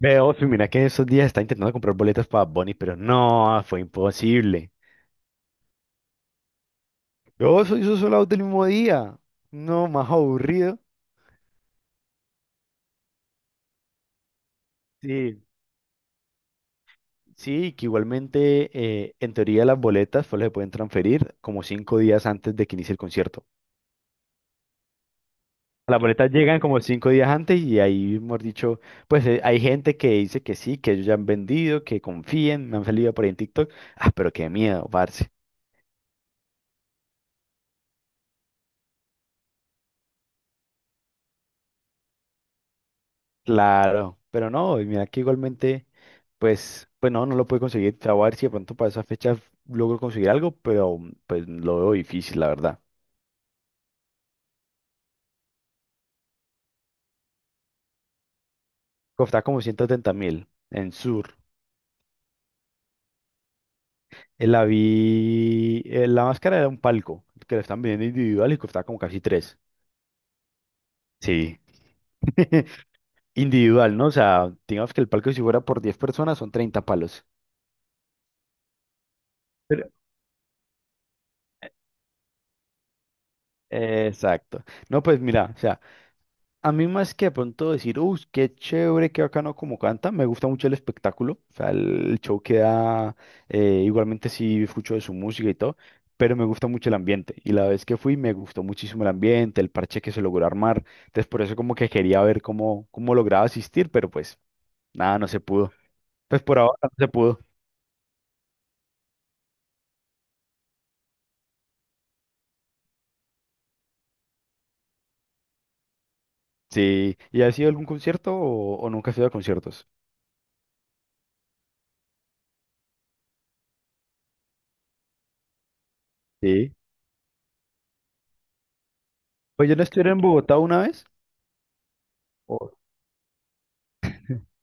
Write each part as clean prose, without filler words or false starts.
Ve, Ofi, mira que esos días está intentando comprar boletas para Bonnie, pero no, fue imposible. Yo soy esos solados del mismo día. No, más aburrido. Sí, sí, que igualmente, en teoría las boletas solo se pueden transferir como cinco días antes de que inicie el concierto. Las boletas llegan como cinco días antes y ahí, hemos dicho, pues hay gente que dice que sí, que ellos ya han vendido, que confíen, me han salido por ahí en TikTok. Ah, pero qué miedo, parce. Claro, pero no, y mira que igualmente, pues no, no lo pude conseguir. Te voy a ver si de pronto para esa fecha logro conseguir algo, pero pues lo veo difícil, la verdad. Costaba como 130 mil en Sur. La vi, la máscara era un palco, que la están vendiendo individual y costaba como casi tres. Sí, individual, ¿no? O sea, digamos que el palco si fuera por 10 personas son 30 palos. Pero- Exacto. No, pues mira, o sea. A mí más que de pronto decir, uy, qué chévere, qué bacano como canta, me gusta mucho el espectáculo, o sea, el show que da, igualmente sí escucho de su música y todo, pero me gusta mucho el ambiente, y la vez que fui me gustó muchísimo el ambiente, el parche que se logró armar, entonces por eso como que quería ver cómo lograba asistir, pero pues nada, no se pudo, pues por ahora no se pudo, sí, ¿y has ido a algún concierto o nunca has ido a conciertos? Sí. Pues yo no estuve en Bogotá una vez.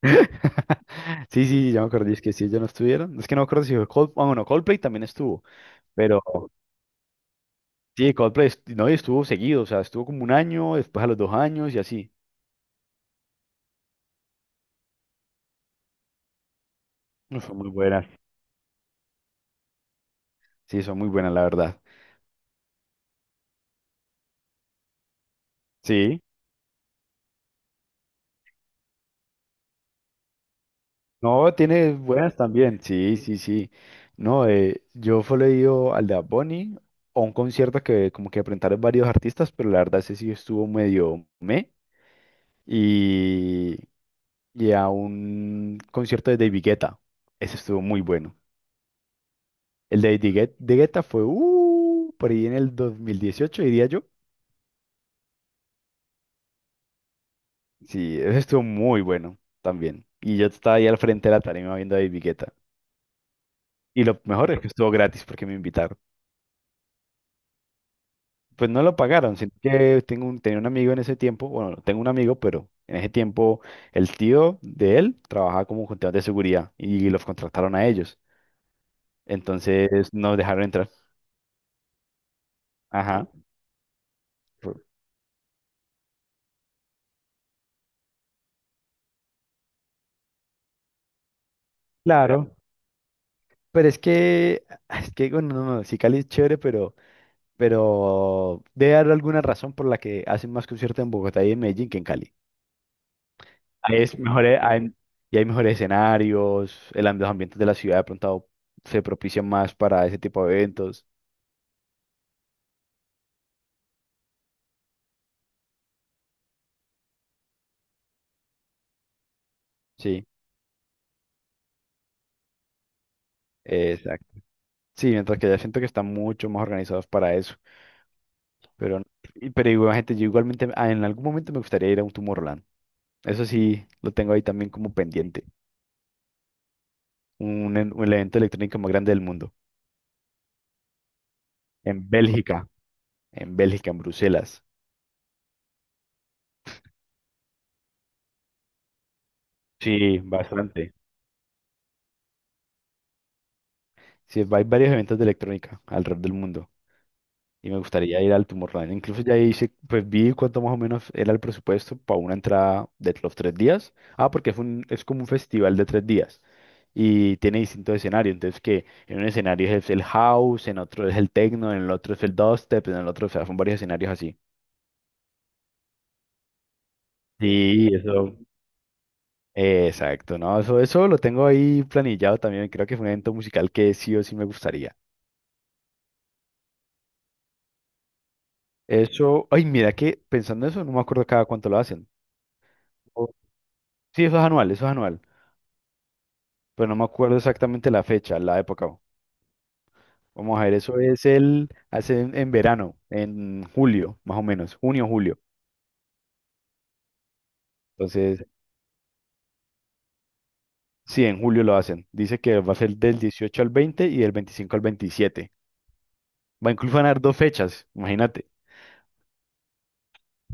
Sí, sí, ya me acuerdo, es que si ellos no estuvieron, es que no me acuerdo si fue Coldplay, bueno, Coldplay también estuvo, pero sí, Coldplay, no, y estuvo seguido, o sea, estuvo como un año, después a los dos años y así. No, son muy buenas, sí, son muy buenas, la verdad. Sí, no, tiene buenas también, sí, sí, sí. No, yo fui leído al de Bad Bunny, a un concierto que como que presentaron varios artistas, pero la verdad ese sí estuvo medio me. y y a un concierto de David Guetta. Ese estuvo muy bueno. El de de Guetta fue por ahí en el 2018 diría yo. Sí, ese estuvo muy bueno también. Y yo estaba ahí al frente de la tarima viendo a David Guetta. Y lo mejor es que estuvo gratis porque me invitaron. Pues no lo pagaron, sino que tengo un, tenía un amigo en ese tiempo, bueno, no tengo un amigo, pero en ese tiempo el tío de él trabajaba como contador de seguridad y los contrataron a ellos. Entonces nos dejaron entrar. Ajá. fue- Claro. Pero es que, es que, bueno, no, no, sí Cali es chévere, pero, debe haber alguna razón por la que hacen más conciertos en Bogotá y en Medellín que en Cali. Ahí es mejor, y hay mejores escenarios, los ambientes de la ciudad de pronto se propician más para ese tipo de eventos. Sí, exacto. Sí, mientras que ya siento que están mucho más organizados para eso. Pero, pero igual, gente, yo igualmente en algún momento me gustaría ir a un Tomorrowland. Eso sí, lo tengo ahí también como pendiente. Un evento electrónico más grande del mundo. En Bélgica, en Bélgica, en Bruselas. Sí, bastante. Sí, hay varios eventos de electrónica alrededor del mundo y me gustaría ir al Tomorrowland. Incluso ya hice, pues vi cuánto más o menos era el presupuesto para una entrada de los tres días. Ah, porque es un, es como un festival de tres días y tiene distintos escenarios. Entonces, que en un escenario es el house, en otro es el techno, en el otro es el dubstep, en el otro, o sea, son varios escenarios así. Sí, eso. Exacto, no, eso lo tengo ahí planillado también. Creo que fue un evento musical que sí o sí me gustaría. Eso, ay, mira que pensando eso, no me acuerdo cada cuánto lo hacen. O- Sí, eso es anual, pero no me acuerdo exactamente la fecha, la época. Vamos a ver, eso es el, hacen en verano, en julio, más o menos, junio, julio. Entonces, sí, en julio lo hacen. Dice que va a ser del 18 al 20 y del 25 al 27. Va a incluir ganar dos fechas, imagínate.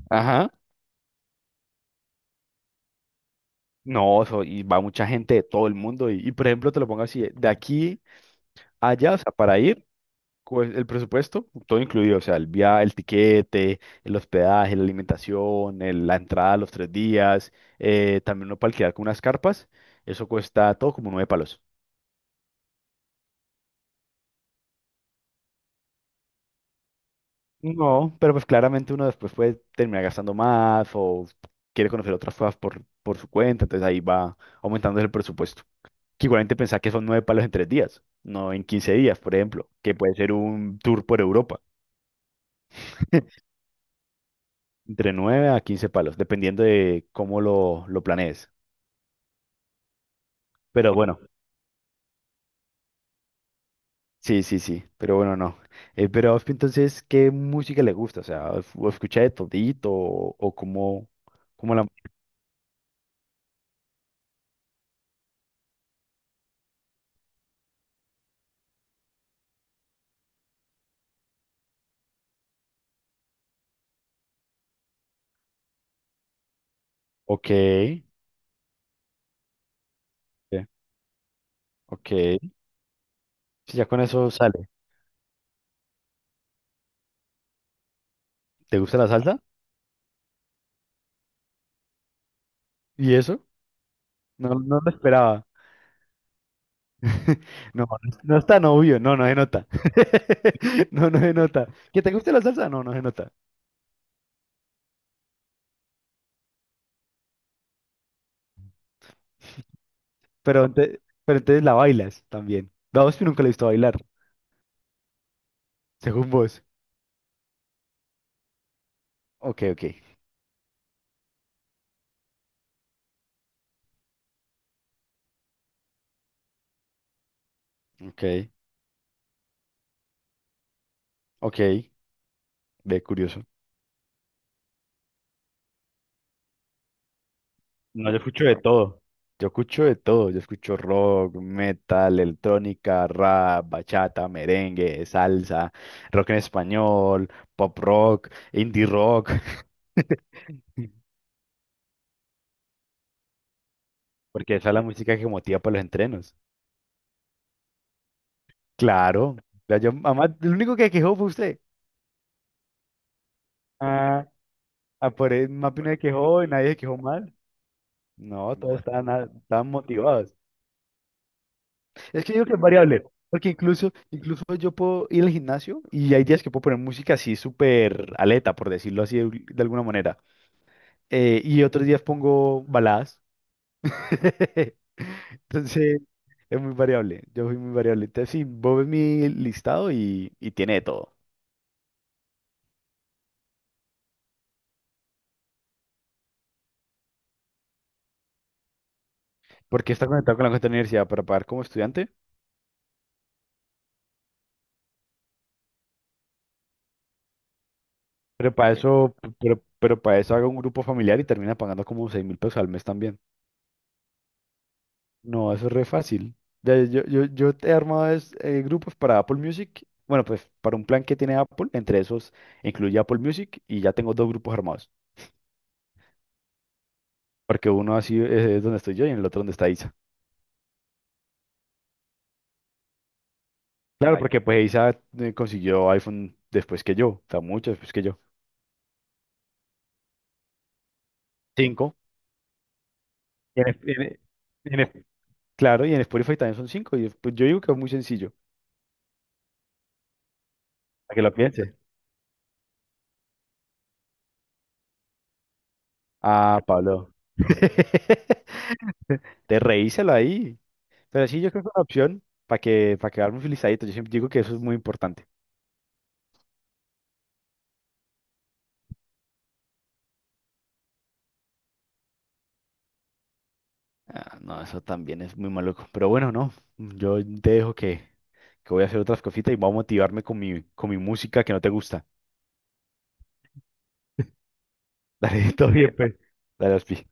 Ajá. No, eso, y va mucha gente de todo el mundo. Por ejemplo, te lo pongo así, de aquí a allá, o sea, para ir, pues, el presupuesto, todo incluido, o sea, el viaje, el tiquete, el hospedaje, la alimentación, la entrada a los tres días, también uno para alquilar con unas carpas, eso cuesta todo como 9 palos. No, pero pues claramente uno después puede terminar gastando más o quiere conocer otras cosas por su cuenta, entonces ahí va aumentando el presupuesto. Que igualmente pensar que son 9 palos en tres días, no en 15 días, por ejemplo, que puede ser un tour por Europa, entre 9 a 15 palos, dependiendo de cómo lo planees. Pero bueno, sí, sí, sí, pero bueno, no. Pero a entonces, ¿qué música le gusta? O sea, ¿o escucha de todito o cómo, la... Ok, ok, ok. Sí, ya con eso sale. ¿Te gusta la salsa? ¿Y eso? No, no lo esperaba. No, no es tan obvio, no, no se nota. No, no se nota. ¿Que te guste la salsa? No, no se nota. Pero, pero entonces la bailas también. Daos que nunca la he visto bailar, según vos. Ok, ok, ok, ok. Ve, curioso. No, yo escucho de todo. Yo escucho de todo, yo escucho rock, metal, electrónica, rap, bachata, merengue, salsa, rock en español, pop rock, indie rock, porque esa es la música que motiva para los entrenos. Claro. Además, el único que quejó fue usted. Ah, por él más de bueno, quejó y nadie se quejó mal. No, todos bueno. Estaban, estaban motivados. Es que yo creo que es variable, porque incluso yo puedo ir al gimnasio y hay días que puedo poner música así súper aleta, por decirlo así de alguna manera. Y otros días pongo baladas. Entonces, es muy variable. Yo soy muy variable. Entonces, sí, vos ves mi listado y tiene de todo. Porque está conectado con la cuenta de la universidad para pagar como estudiante. Pero para eso, pero para eso haga un grupo familiar y termina pagando como 6000 pesos al mes también. No, eso es re fácil. Ya, Yo he armado grupos para Apple Music. Bueno, pues para un plan que tiene Apple, entre esos incluye Apple Music y ya tengo dos grupos armados. Porque uno así es donde estoy yo y en el otro donde está Isa. Claro, ay, porque pues Isa consiguió iPhone después que yo, o sea, mucho después que yo. Cinco. Y en- en- claro, y en Spotify también son cinco. Y pues yo digo que es muy sencillo, para que lo pienses. Ah, Pablo. Te reíselo ahí. Pero sí, yo creo que es una opción para para quedarme felicitadito. Yo siempre digo que eso es muy importante. Ah, no, eso también es muy maluco. Pero bueno, no. Yo te dejo que voy a hacer otras cositas y voy a motivarme con con mi música que no te gusta. Dale, todo bien, pues. Dale, Ospi.